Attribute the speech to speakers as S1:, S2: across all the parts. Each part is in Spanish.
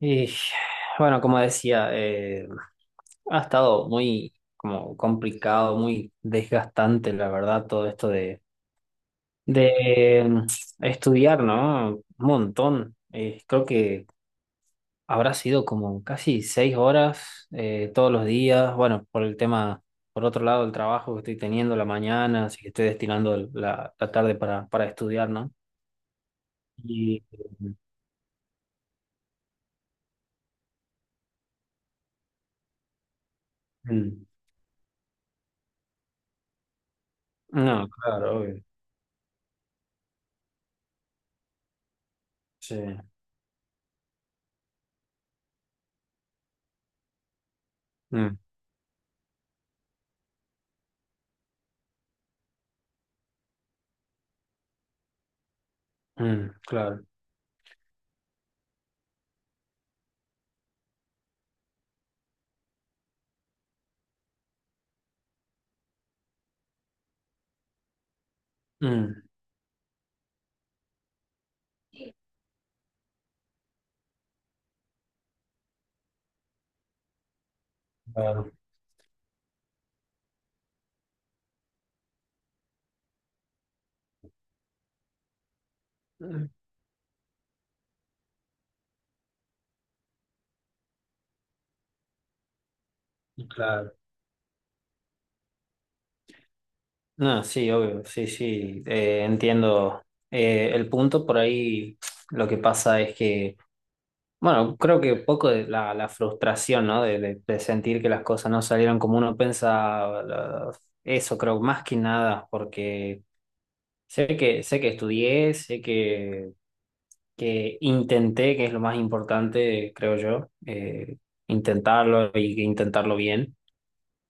S1: Y bueno, como decía, ha estado muy como complicado, muy desgastante, la verdad, todo esto de, de estudiar, ¿no? Un montón. Creo que habrá sido como casi 6 horas todos los días. Bueno, por el tema, por otro lado, el trabajo que estoy teniendo la mañana, así que estoy destinando la, la tarde para estudiar, ¿no? Y mm, mm, no, claro, obvio. Sí. Mm, mm, claro. Mm. Claro, claro. No, sí, obvio, sí, sí, entiendo el punto por ahí. Lo que pasa es que, bueno, creo que un poco de la frustración, ¿no? De, de sentir que las cosas no salieron como uno pensaba, eso creo más que nada, porque sé que estudié, sé que intenté, que es lo más importante, creo yo, intentarlo y intentarlo bien.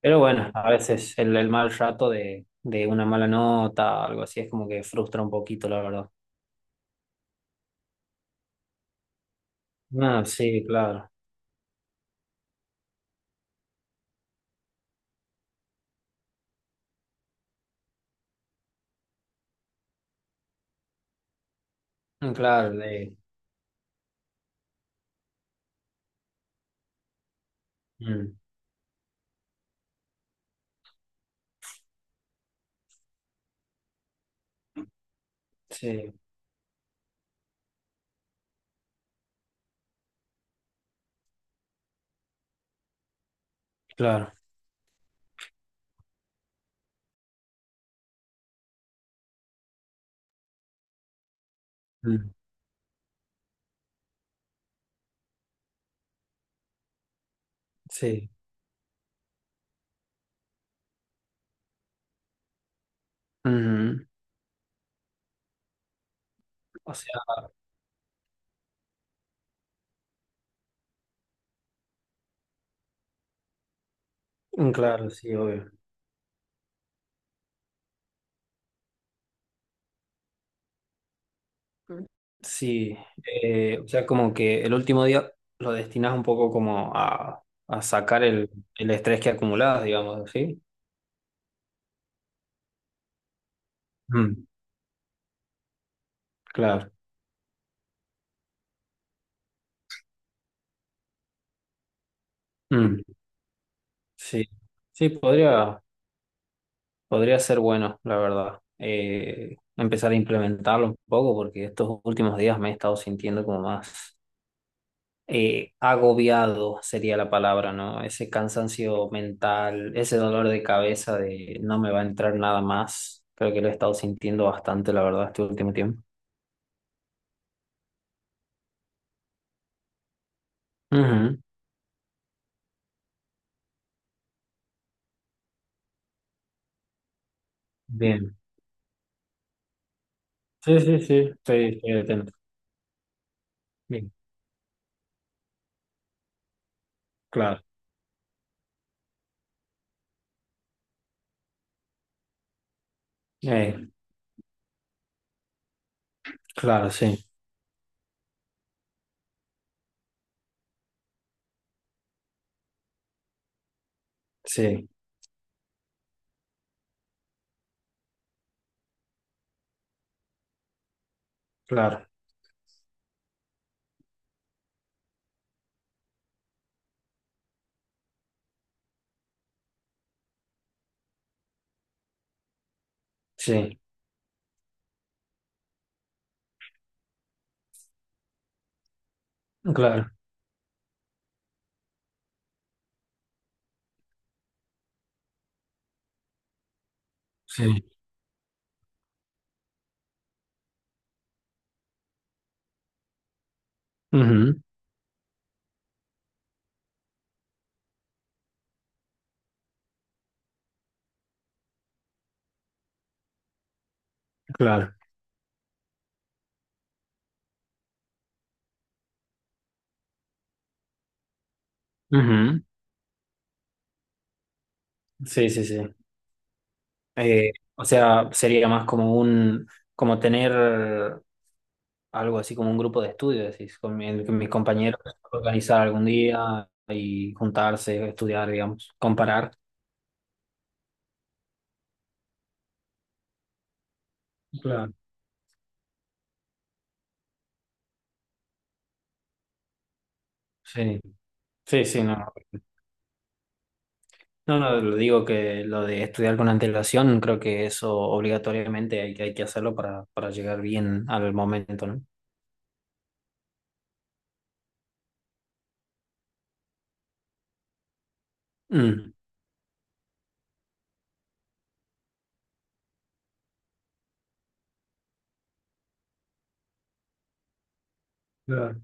S1: Pero bueno, a veces el mal rato de una mala nota, algo así, es como que frustra un poquito, la verdad. Ah, sí, claro. Mm, claro, de, mm, sí, claro. Mm, sí. Ujú. O sea, mm, claro, sí, obvio. Mm. Sí, o sea, como que el último día lo destinas un poco como a sacar el estrés que acumulabas, digamos, ¿sí? Mm, claro. Mm, sí. Sí, podría. Podría ser bueno, la verdad. Empezar a implementarlo un poco porque estos últimos días me he estado sintiendo como más agobiado, sería la palabra, ¿no? Ese cansancio mental, ese dolor de cabeza de no me va a entrar nada más. Creo que lo he estado sintiendo bastante, la verdad, este último tiempo. Ujú. Bien. Sí, sí, sí, estoy atento. Bien, claro. Eh, claro, sí, sí, claro, sí, claro, sí. Ujú. Claro. Ujú. Sí, sí, sí. O sea, sería más como un, como tener algo así como un grupo de estudio, decís, con mi- el mis compañeros organizar algún día y juntarse, estudiar, digamos, comparar. Claro. Sí, sí, sí, no. No, no, lo digo que lo de estudiar con antelación, creo que eso obligatoriamente hay, hay que hacerlo para llegar bien al momento, ¿no? Mm. Claro.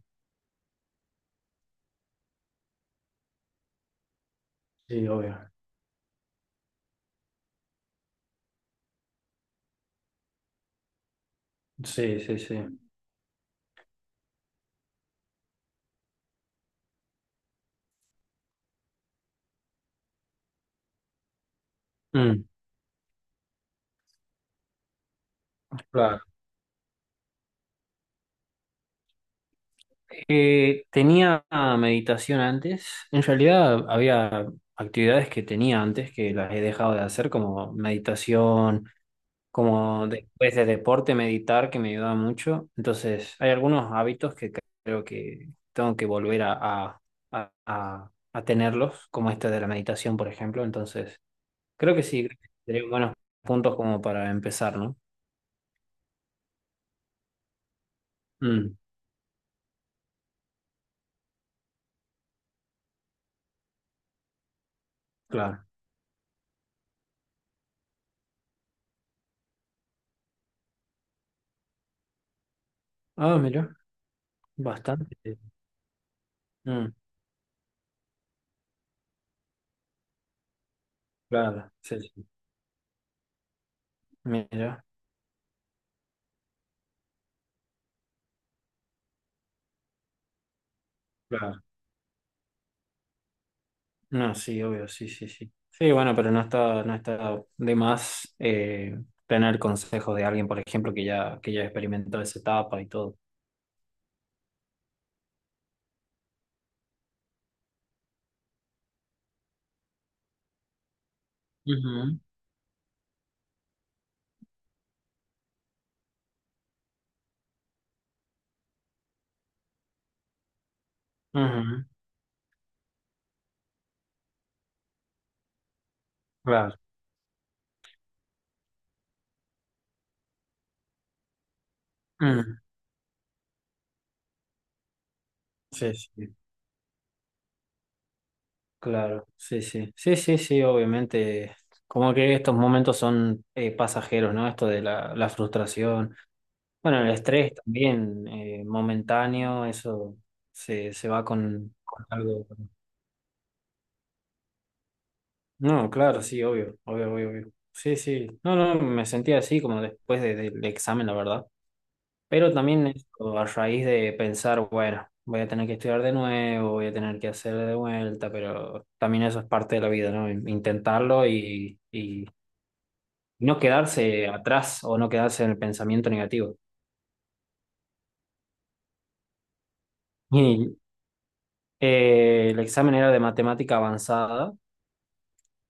S1: Sí, obvio. Sí, sí, sí. Mm, claro. Tenía meditación antes. En realidad había actividades que tenía antes que las he dejado de hacer, como meditación, como después de deporte meditar, que me ayudaba mucho. Entonces, hay algunos hábitos que creo que tengo que volver a, a- a tenerlos, como este de la meditación, por ejemplo. Entonces, creo que sí, creo que serían buenos puntos como para empezar, ¿no? Mm, claro. Ah, mira, bastante. Mm, claro, sí, sí. Mira. Claro. No, sí, obvio, sí, sí, sí. Sí, bueno, pero no está, no está de más tener consejos de alguien, por ejemplo, que ya experimentó esa etapa y todo. Ujú, ujú, claro. Mm, sí, sí, claro, sí, sí. Sí, sí, sí, obviamente. Como que estos momentos son pasajeros, ¿no? Esto de la frustración. Bueno, el estrés también, momentáneo, eso se, se va con algo. No, claro, sí, obvio, obvio, obvio, obvio. Sí, sí. No, no, me sentía así como del examen, la verdad. Pero también esto, a raíz de pensar, bueno, voy a tener que estudiar de nuevo, voy a tener que hacer de vuelta, pero también eso es parte de la vida, ¿no? Intentarlo y no quedarse atrás o no quedarse en el pensamiento negativo. Y el examen era de matemática avanzada.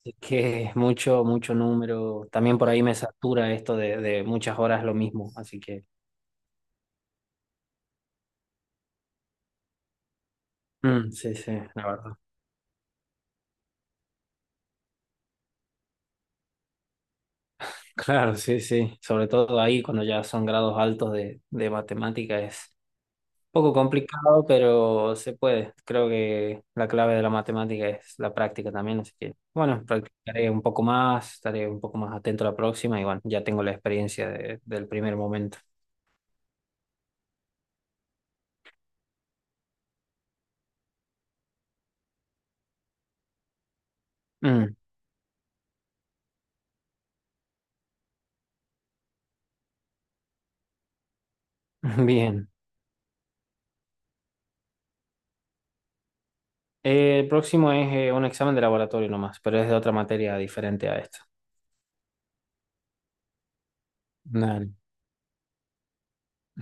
S1: Así que es mucho, mucho número. También por ahí me satura esto de muchas horas lo mismo. Así que mm, sí, sí, la verdad. Claro, sí, sí. Sobre todo ahí cuando ya son grados altos de matemática es un poco complicado, pero se puede. Creo que la clave de la matemática es la práctica también, así que bueno, practicaré un poco más, estaré un poco más atento a la próxima y bueno, ya tengo la experiencia del primer momento. Mm, bien. El próximo es un examen de laboratorio nomás, pero es de otra materia diferente a esto. Dale,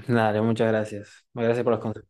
S1: dale, muchas gracias. Gracias por los consejos.